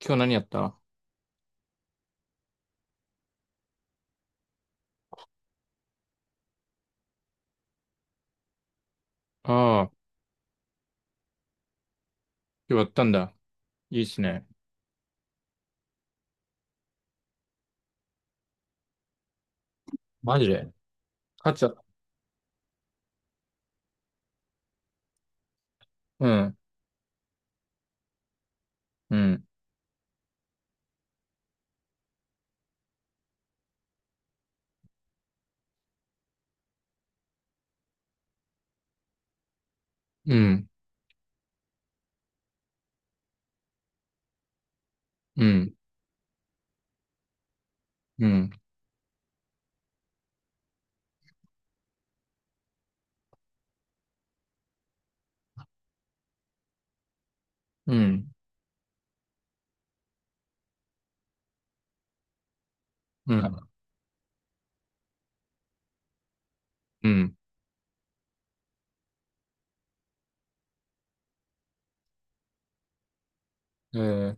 今日何やったあー、今日やったんだ。いいっすね。マジで。勝っちゃった。うん、うん、うん、うん、うん、うん、うん、うん。えー、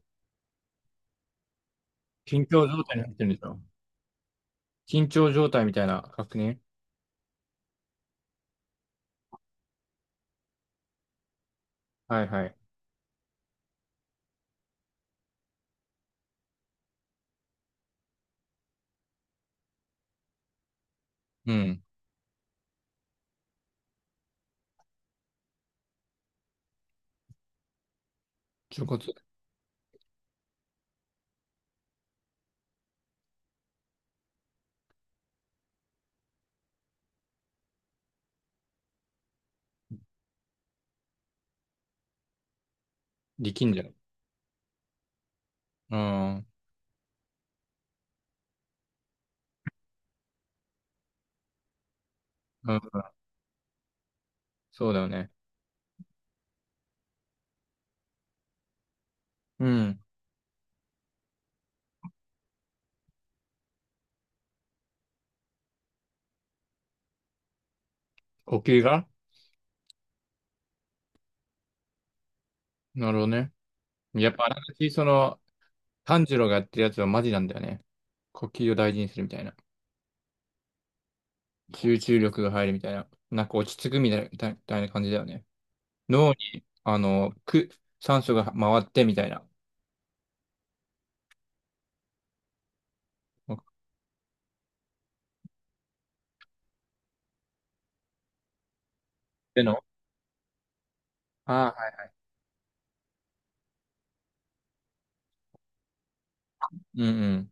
緊張状態になってるんでしょ？緊張状態みたいな確認。はいはい。うん。ちょこ。できんじゃん。うん、うん、そうだよね。うん。呼吸が。なるほどね。やっぱあながち、その、炭治郎がやってるやつはマジなんだよね。呼吸を大事にするみたいな。集中力が入るみたいな。なんか落ち着くみたいな、みたいな感じだよね。脳に、あの、酸素が回ってみたいな。での。ああー、はい。うん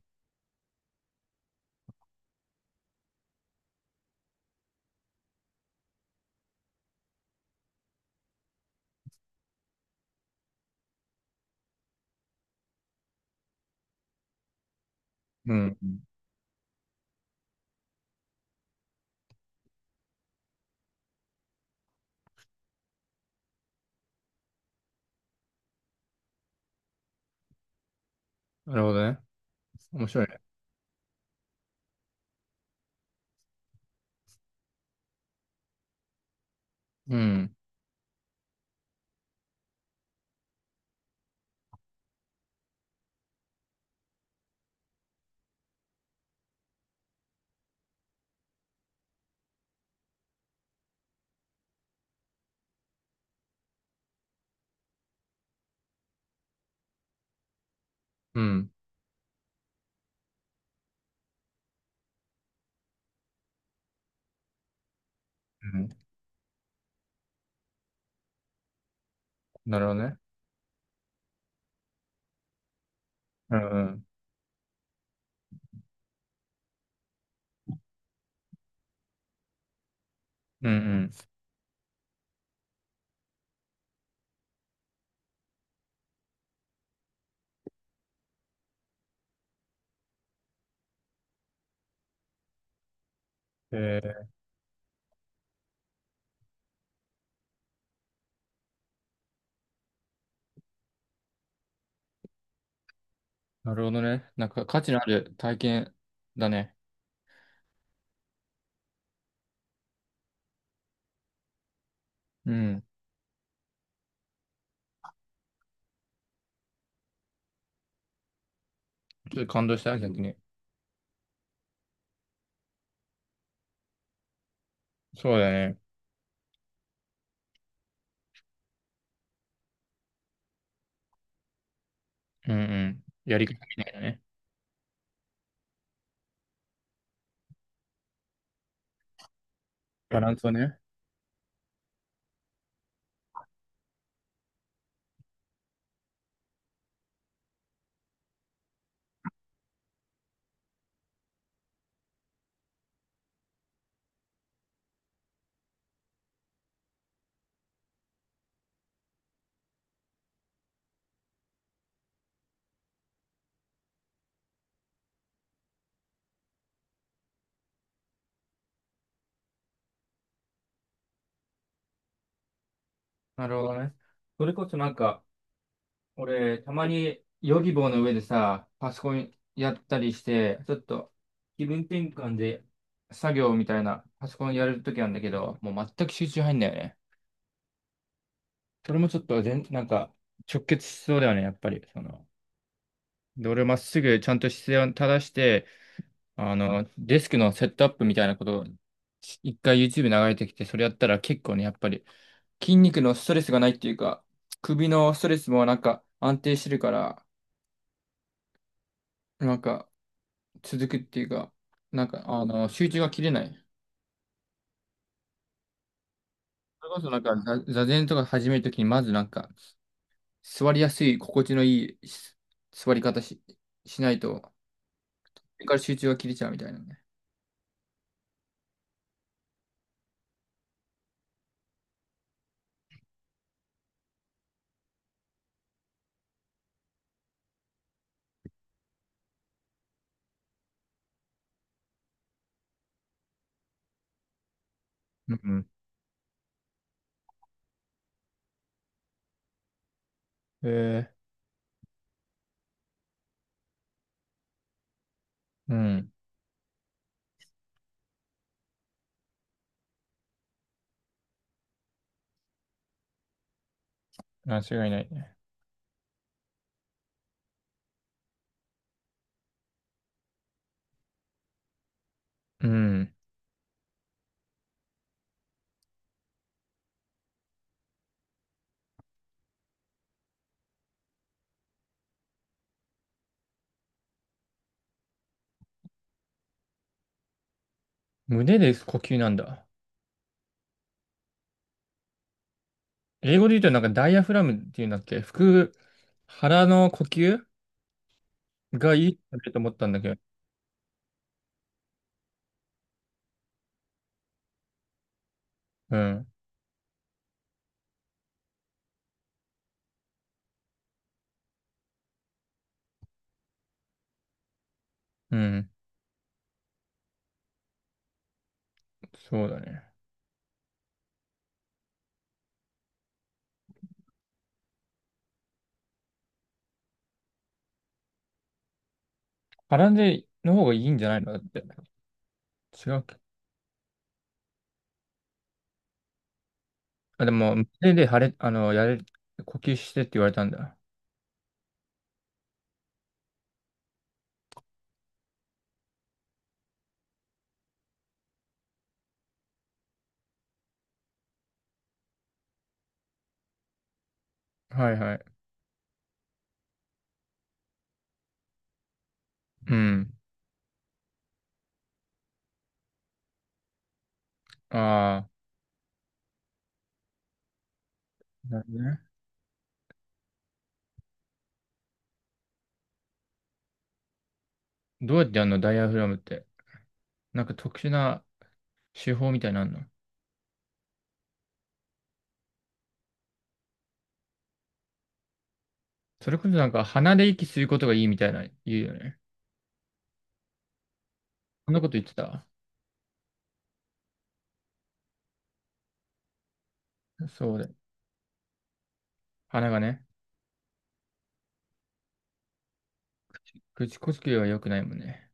うん。うん。なるほどね。面白いね。うん。うん。うん。なるほどね。うんうん。うんうん。えー、なるほどね。なんか価値のある体験だね。うん。ちょっと感動した、逆に。そうだね。うんうん。やり方みたいなね。バランスをね。なるほどね。それこそなんか、俺、たまにヨギボーの上でさ、パソコンやったりして、ちょっと気分転換で作業みたいなパソコンやるときなんだけど、もう全く集中入んないよね。それもちょっとなんか直結しそうだよね、やっぱり。その、で、俺まっすぐちゃんと姿勢を正して、あの、デスクのセットアップみたいなことを一回 YouTube 流れてきて、それやったら結構ね、やっぱり筋肉のストレスがないっていうか、首のストレスもなんか安定してるから、なんか、続くっていうか、なんか、あの、集中が切れない。それこそなんか、座禅とか始めるときに、まずなんか、座りやすい、心地のいいし座り方し、しないと、それから集中が切れちゃうみたいなね。うんうん。えー、うん。間違いないね。うん。胸で呼吸なんだ。英語で言うとなんかダイアフラムっていうんだっけ腹の呼吸がいいと思ったんだけど。うん。うん。そうだね。腹での方がいいんじゃないのだって。違うっけ？あ、でも、胸で腫れ、あの、やれ、呼吸してって言われたんだ。はいはい。うん。ああ、なるほどね。どうやってやるのダイヤフラムって？なんか特殊な手法みたいなのあんの？それこそなんか鼻で息することがいいみたいな言うよね。そんなこと言ってた？そうだよ。鼻がね。口呼吸は良くないもんね。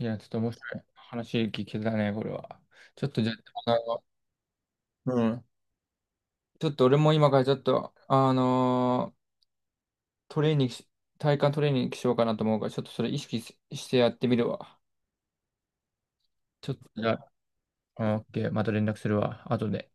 いや、ちょっと面白い話聞けたね、これは。ちょっとじゃあ、あの、うん。ちょっと俺も今からちょっと、トレーニングし、体幹トレーニングしようかなと思うから、ちょっとそれ意識してやってみるわ。ちょっとじゃあ、オッケー、また連絡するわ、後で。